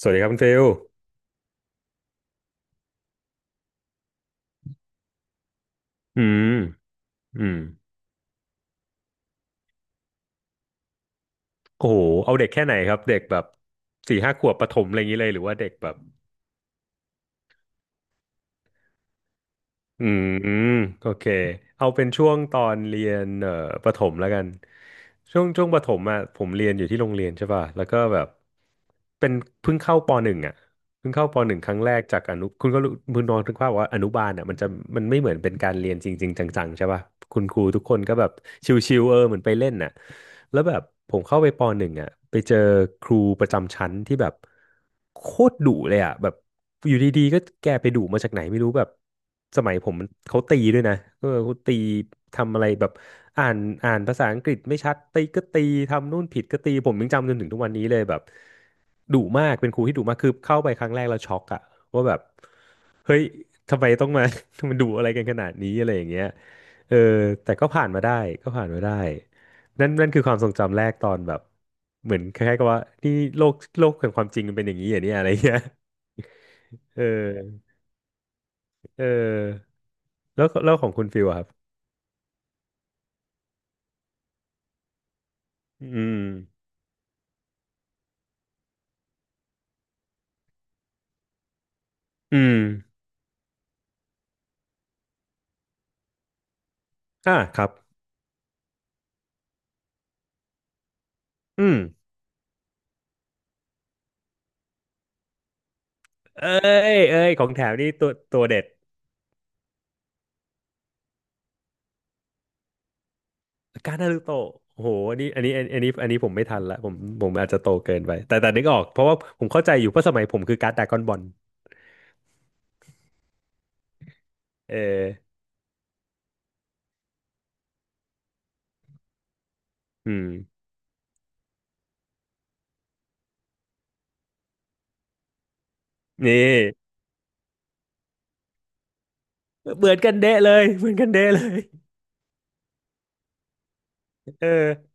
สวัสดีครับคุณฟิลอืมอืมโอ้โห เอาเด็กแค่ไหนครับ เด็กแบบสี่ห้าขวบประถมอะไรอย่างนี้เลยหรือว่าเด็กแบบอืมอืมโอเค เอาเป็นช่วงตอนเรียนประถมแล้วกัน ช่วงประถมอ่ะผมเรียนอยู่ที่โรงเรียนใช่ป่ะ แล้วก็แบบเป็นเพิ่งเข้าปหนึ่งอ่ะ เพิ่งเข้าปหนึ่งครั้งแรกจากอนุคุณก็รู้คุณนองนึกภาพว่าอนุบาลอ่ะมันจะมันไม่เหมือนเป็นการเรียนจริงๆจังๆใช่ป่ะคุณครูทุกคนก็แบบชิวๆเออเหมือนไปเล่นน่ะแล้วแบบผมเข้าไปปหนึ่งอ่ะไปเจอครูประจำชั้นที่แบบโคตรดุเลยอ่ะแบบอยู่ดีๆก็แกไปดุมาจากไหนไม่รู้แบบสมัยผมมันเขาตีด้วยนะเออเขาตีทำอะไรแบบอ่านอ่านภาษาอังกฤษไม่ชัดตีก็ตีทำนู่นผิดก็ตีผมยังจำจนถึงทุกวันนี้เลยแบบ ดุมากเป็นครูที่ดุมากคือเข้าไปครั้งแรกเราวช็อกอะว่าแบบเฮ้ยทำไมต้องมา มันดุอะไรกันขนาดนี้อะไรอย่างเงี้ยเออแต่ก็ผ่านมาได้ก็ผ่านมาได้นั่นคือความทรงจำแรกตอนแบบเหมือนคล้ายๆกับว่านี่โลกแห่งความจริงมันเป็นอย่างนี้อย่างนี้อะไรเงี้ยเออเออแล้วของคุณฟิลอะครับอืมอืมอ่าครับอืมเอ้เอ้ยของแถมนี่ตัวเด็ด การ์ดนารูโตะโอ้โหอันนี้ผมไม่ทันละผมผมอาจจะโตเกินไป แต่นึกออก เพราะว่าผมเข้าใจอยู่เพราะสมัยผมคือการ์ดดราก้อนบอลเอออืมนี่เหมือนกันเดะเลยเหมือนกันเดะเลยเออ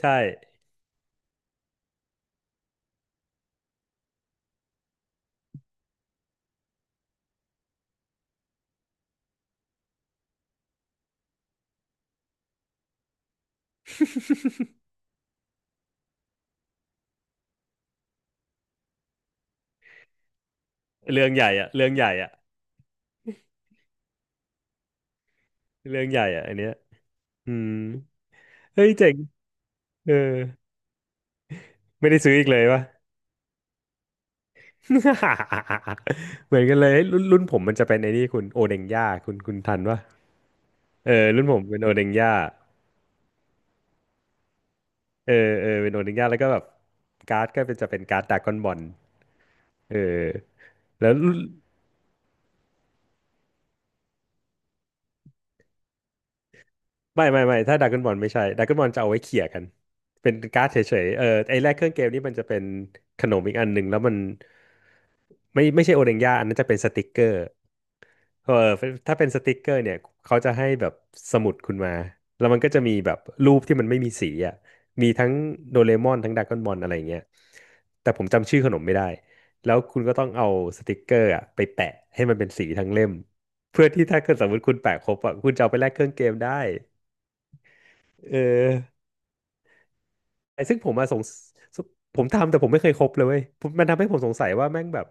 ใช่ เรื่องใหญ่อะเรื่องใหญ่อะเรื่องใหญ่อะอันเนี้ยอืมเฮ้ยเจ๋งเออไม่ได้ซื้ออีกเลยวะ เหมือนกันเลยรุ่นผมมันจะเป็นไอ้นี่คุณโอเดงย่าคุณทันปะเออรุ่นผมเป็นโอเดงย่า เออเออเป็นโอนิงยาแล้วก็แบบการ์ดก็เป็นจะเป็นการ์ดดาก้อนบอลเออแล้วไม่ถ้าดาก้อนบอลไม่ใช่ดาก้อนบอลจะเอาไว้เขี่ยกันเป็นการ์ดเฉยๆเออไอ้แรกเครื่องเกมนี่มันจะเป็นขนมอีกอันหนึ่งแล้วมันไม่ใช่โอนิงยาอันนั้นจะเป็นสติกเกอร์ เออถ้าเป็นสติกเกอร์เนี่ยเขาจะให้แบบสมุดคุณมาแล้วมันก็จะมีแบบรูปที่มันไม่มีสีอ่ะมีทั้งโดเรมอนทั้งดราก้อนบอลอะไรอย่างเงี้ยแต่ผมจำชื่อขนมไม่ได้แล้วคุณก็ต้องเอาสติกเกอร์อ่ะไปแปะให้มันเป็นสีทั้งเล่มเพื่อที่ถ้าเกิดสมมติคุณแปะครบอ่ะคุณจะเอาไปแลกเครื่องเกมได้เออไอ้ซึ่งผมมาสงสสผมทำแต่ผมไม่เคยครบเลยเว้ยผมมันทำให้ผมสงสัยว่าแม่งแบบ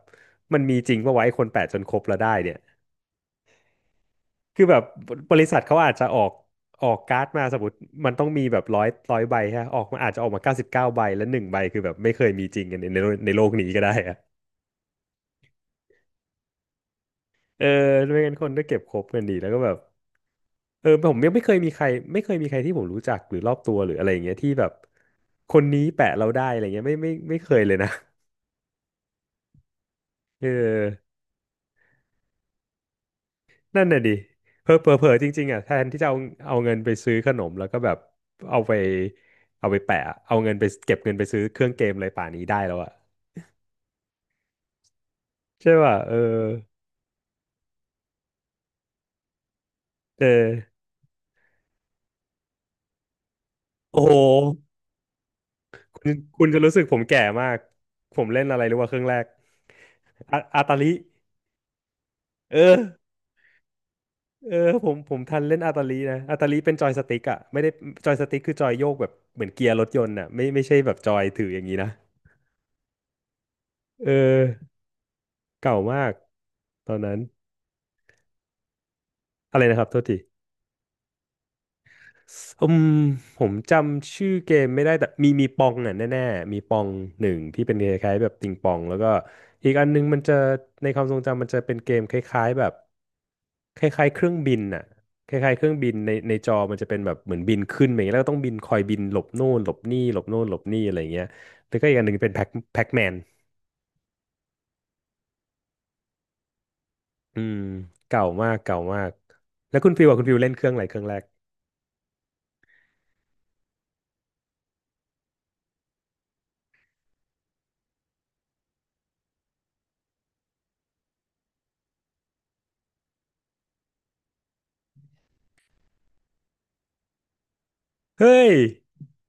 มันมีจริงปะวะไอ้คนแปะจนครบแล้วได้เนี่ย คือแบบบริษัทเขาอาจจะออกการ์ดมาสมมติมันต้องมีแบบร้อยใบฮะออกมาอาจจะออกมาเก้าสิบเก้าใบแล้วหนึ่งใบคือแบบไม่เคยมีจริงกันในโลกในโลกนี้ก็ได้อะเออไม่งั้นคนก็เก็บครบกันดีแล้วก็แบบเออผมยังไม่เคยมีใครไม่เคยมีใครที่ผมรู้จักหรือรอบตัวหรืออะไรอย่างเงี้ยที่แบบคนนี้แปะเราได้อะไรเงี้ยไม่เคยเลยนะเออนั่นน่ะดิเผลอจริงๆอ่ะแทนที่จะเอาเอาเงินไปซื้อขนมแล้วก็แบบเอาไปเอาไปแปะเอาเงินไปเก็บเงินไปซื้อเครื่องเกมอะไรป่านนี้ได้แล้วอะ ใช่ป่ะเออเออโอ้โหคุณจะรู้สึกผมแก่มากผมเล่นอะไรรู้ว่าเครื่องแรกอาตาลิเออเออผมทันเล่นอาตาลีนะอาตาลีเป็นจอยสติ๊กอ่ะไม่ได้จอยสติ๊กคือจอยโยกแบบเหมือนเกียร์รถยนต์อ่ะไม่ใช่แบบจอยถืออย่างนี้นะเออเก่ามากตอนนั้นอะไรนะครับโทษที อืมผมจำชื่อเกมไม่ได้แต่มีปองอ่ะแน่ๆมีปองหนึ่งที่เป็นคล้ายๆแบบติงปองแล้วก็อีกอันนึงมันจะในความทรงจำมันจะเป็นเกมคล้ายๆแบบคล้ายๆเครื่องบินอ่ะคล้ายๆเครื่องบินในจอมันจะเป็นแบบเหมือนบินขึ้นไปอย่างเงี้ยแล้วก็ต้องบินคอยบินหลบโน่นหลบนี่หลบโน่นหลบนี่อะไรอย่างเงี้ยแล้วก็อีกอันหนึ่งเป็นแพ็คแมนอืมเก่ามากเก่ามากแล้วคุณฟิวอ่ะคุณฟิวเล่นเครื่องอะไรเครื่องแรกเฮ้ย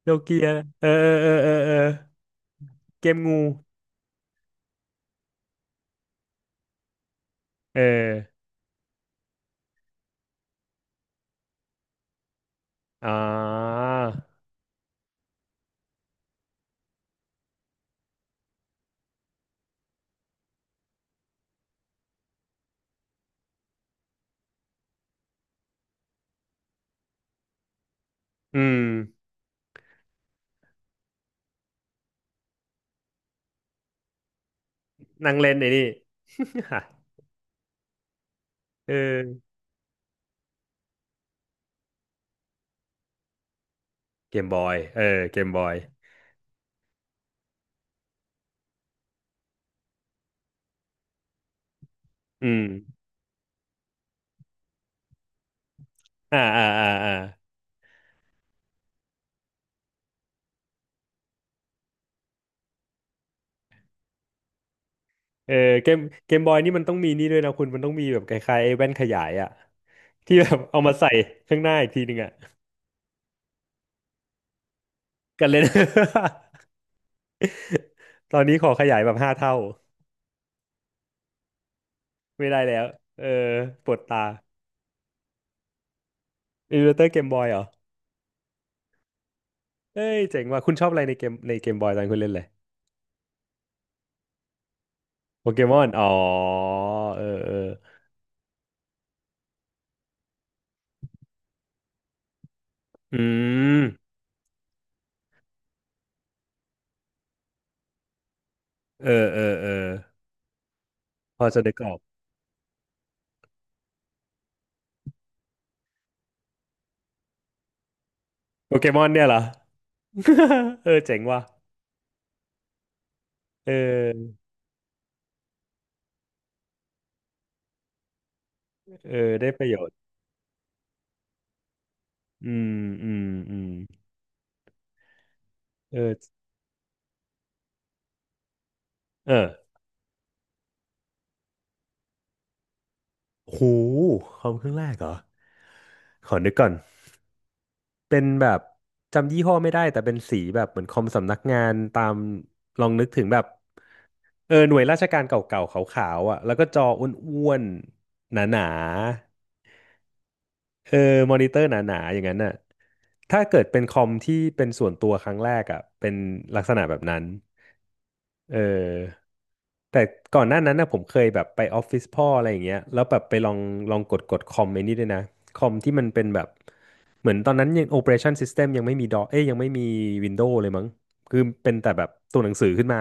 โนเกียเออเออเออเออเออเกมงู เอออ๋ออืม นั่งเล่นไอ้นี่ เออเกมบอยเออเกมบอยอืมอ่าอ่าอ่าอ่าเออเกม เกมบอยนี่มันต้องมีนี่ด้วยนะคุณ มันต้องมีแบบคล้ายๆไอ้แว่นขยายอะที่แบบเอามาใส่ข้างหน้าอีกทีหนึ่งอะกันเล่น ตอนนี้ขอขยายแบบห้าเท่า ไม่ได้แล้ว เออปวดตาอิลลูเตอร์เกมบอยเหรอเอ้ย เจ๋งว่ะคุณชอบอะไรในเกมในเกมบอยตอนคุณเล่นเลยโปเกมอนอ๋อเออเอออืม เออเออเออพอจะได้กรอบโปเกมอนเนี่ยเหรอ เออเจ๋งว่ะเออเออได้ประโยชน์อืมอืมอืมเออเออหูคอมเครื่องแรกเหรอขอนึกก่อนเป็นแบบจำยี่ห้อไม่ได้แต่เป็นสีแบบเหมือนคอมสำนักงานตามลองนึกถึงแบบเออหน่วยราชการเก่าๆขาวๆอ่ะแล้วก็จออ้วนๆหนาๆ เออมอนิเตอร์หนาๆอย่างนั้นน่ะถ้าเกิดเป็นคอมที่เป็นส่วนตัวครั้งแรกอ่ะเป็นลักษณะแบบนั้นเออแต่ก่อนหน้านั้นนะผมเคยแบบไปออฟฟิศพ่ออะไรอย่างเงี้ยแล้วแบบไปลองกดคอมไอ้นี่ด้วยนะคอมที่มันเป็นแบบเหมือนตอนนั้นยัง Operation System ยังไม่มีดอเอ้ยยังไม่มี Windows เลยมั้งคือเป็นแต่แบบตัวหนังสือขึ้นมา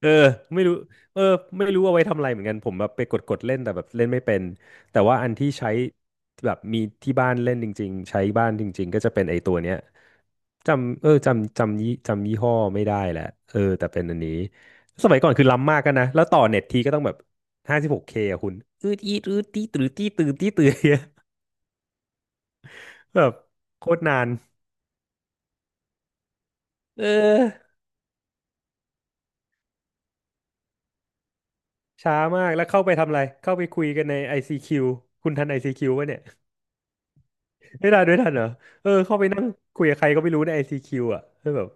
เออไม่รู้เออไม่รู้เอาไว้ทำอะไรเหมือนกันผมแบบไปกดเล่นแต่แบบเล่นไม่เป็นแต่ว่าอันที่ใช้แบบมีที่บ้านเล่นจริงๆใช้บ้านจริงๆก็จะเป็นไอ้ตัวเนี้ยจำเออจำจำยี่จำยี่ห้อไม่ได้แหละเออแต่เป็นอันนี้สมัยก่อนคือล้ำมากกันนะแล้วต่อเน็ตทีก็ต้องแบบห้าสิบหกเคอะคุณอืดอีดอืดตีตื้อตีตื้อตีตื้อเนี่ย แบบโคตรนานเออช้ามากแล้วเข้าไปทำอะไรเข้าไปคุยกันใน i ซ q ควคุณทันไอซีคิวป่ะเนี่ย ไม่ทันไม่ทันเหรอ เออเข้าไปนั่งคุยกับใครก็ไม่รู้ใน ICQ อซีคิวอ่ะแล้วแบบ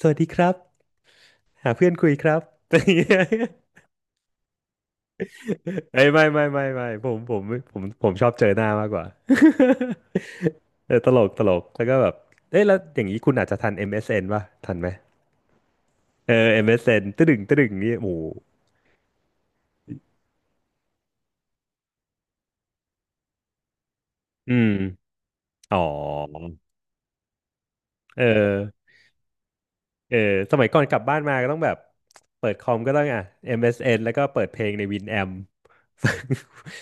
สวัสดีครับหาเพื่อนคุยครับ อะไรอย่างเงี้ยเอ้ยไม่ผมชอบเจอหน้ามากกว่า เออตลกตลกแล้วก็แบบเอ้ยแล้วอย่างนี้คุณอาจจะทัน MSN ป่ะทันไหมเออ MSN ตึดึงตึดึงนี่โอ้โหอืมอ๋อเออ เออสมัยก่อนกลับบ้านมาก็ต้องแบบเปิดคอมก็ต้องอ่ะ MSN แล้วก็เปิดเพลงใน Winamp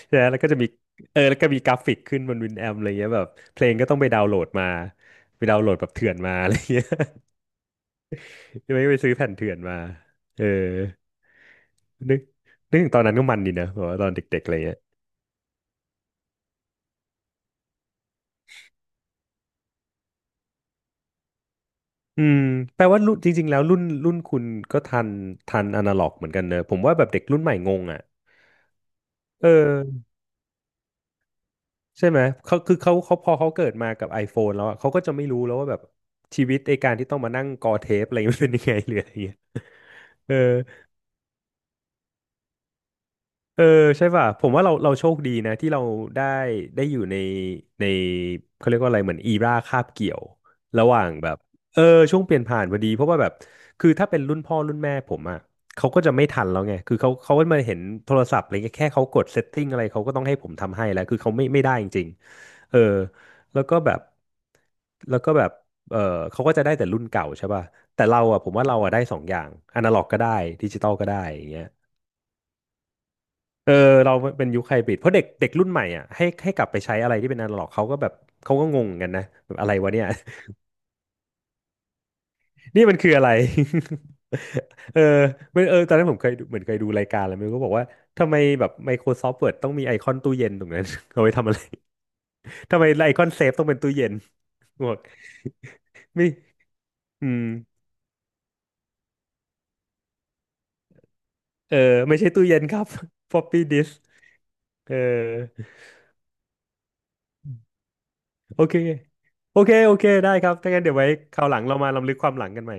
ใช่ไหมแล้วก็จะมีเออแล้วก็มีกราฟิกขึ้นบน Winamp อะไรเงี้ยแบบเพลงก็ต้องไปดาวน์โหลดมาไปดาวน์โหลดแบบเถื่อนมาอะไรเงี้ยไม่ไปซื้อแผ่นเถื่อนมาเออนึกนึกถึงตอนนั้นก็มันดีนะแบบว่าตอนเด็กๆอะไรเงี้ยอืมแปลว่ารุ่นจริงๆแล้วรุ่นคุณก็ทันทันอนาล็อกเหมือนกันเนอะผมว่าแบบเด็กรุ่นใหม่งงอ่ะเออ ใช่ไหมเขาคือเขาพอเขาเกิดมากับ iPhone แล้วอะเขาก็จะไม่รู้แล้วว่าแบบชีวิตไอการที่ต้องมานั่งกอเทปอะไรมันเป็นยังไง หรืออะไรเงี้ยเออเออใช่ป่ะผมว่าเราโชคดีนะที่เราได้ได้อยู่ในเขาเรียกว่าอะไรเหมือนอีราคาบเกี่ยวระหว่างแบบเออช่วงเปลี่ยนผ่านพอดีเพราะว่าแบบคือถ้าเป็นรุ่นพ่อรุ่นแม่ผมอ่ะเขาก็จะไม่ทันแล้วไงคือเขาก็มาเห็นโทรศัพท์อะไรเงี้ยแค่เขากดเซตติ้งอะไรเขาก็ต้องให้ผมทำให้แล้วคือเขาไม่ได้จริง เออแล้วก็แบบแล้วก็แบบเออเขาก็จะได้แต่รุ่นเก่าใช่ป่ะแต่เราอ่ะผมว่าเราอ่ะได้สองอย่างอนาล็อกก็ได้ดิจิตอลก็ได้อย่างเงี้ยเออเราเป็นยุคไฮบริดเพราะเด็กเด็กรุ่นใหม่อ่ะให้กลับไปใช้อะไรที่เป็นอนาล็อกเขาก็แบบเขาก็งงกันนะแบบอะไรวะเนี่ย นี่มันคืออะไร เออเออตอนนั้นผมเคยดูเหมือนเคยดูรายการแล้วมันก็บอกว่าทำไมแบบ Microsoft Word ต้องมีไอคอนตู้เย็นตรงนั้น เอาไว้ทำอะไร ทำไมไอคอนเซฟต้องเป็นตู้เย็นบอก ไม่อืม เออไม่ใช่ตู้เย็นครับ floppy disk เออโอเคโอเคได้ครับถ้างั้นเดี๋ยวไว้คราวหลังเรามาลำลึกความหลังกันใหม่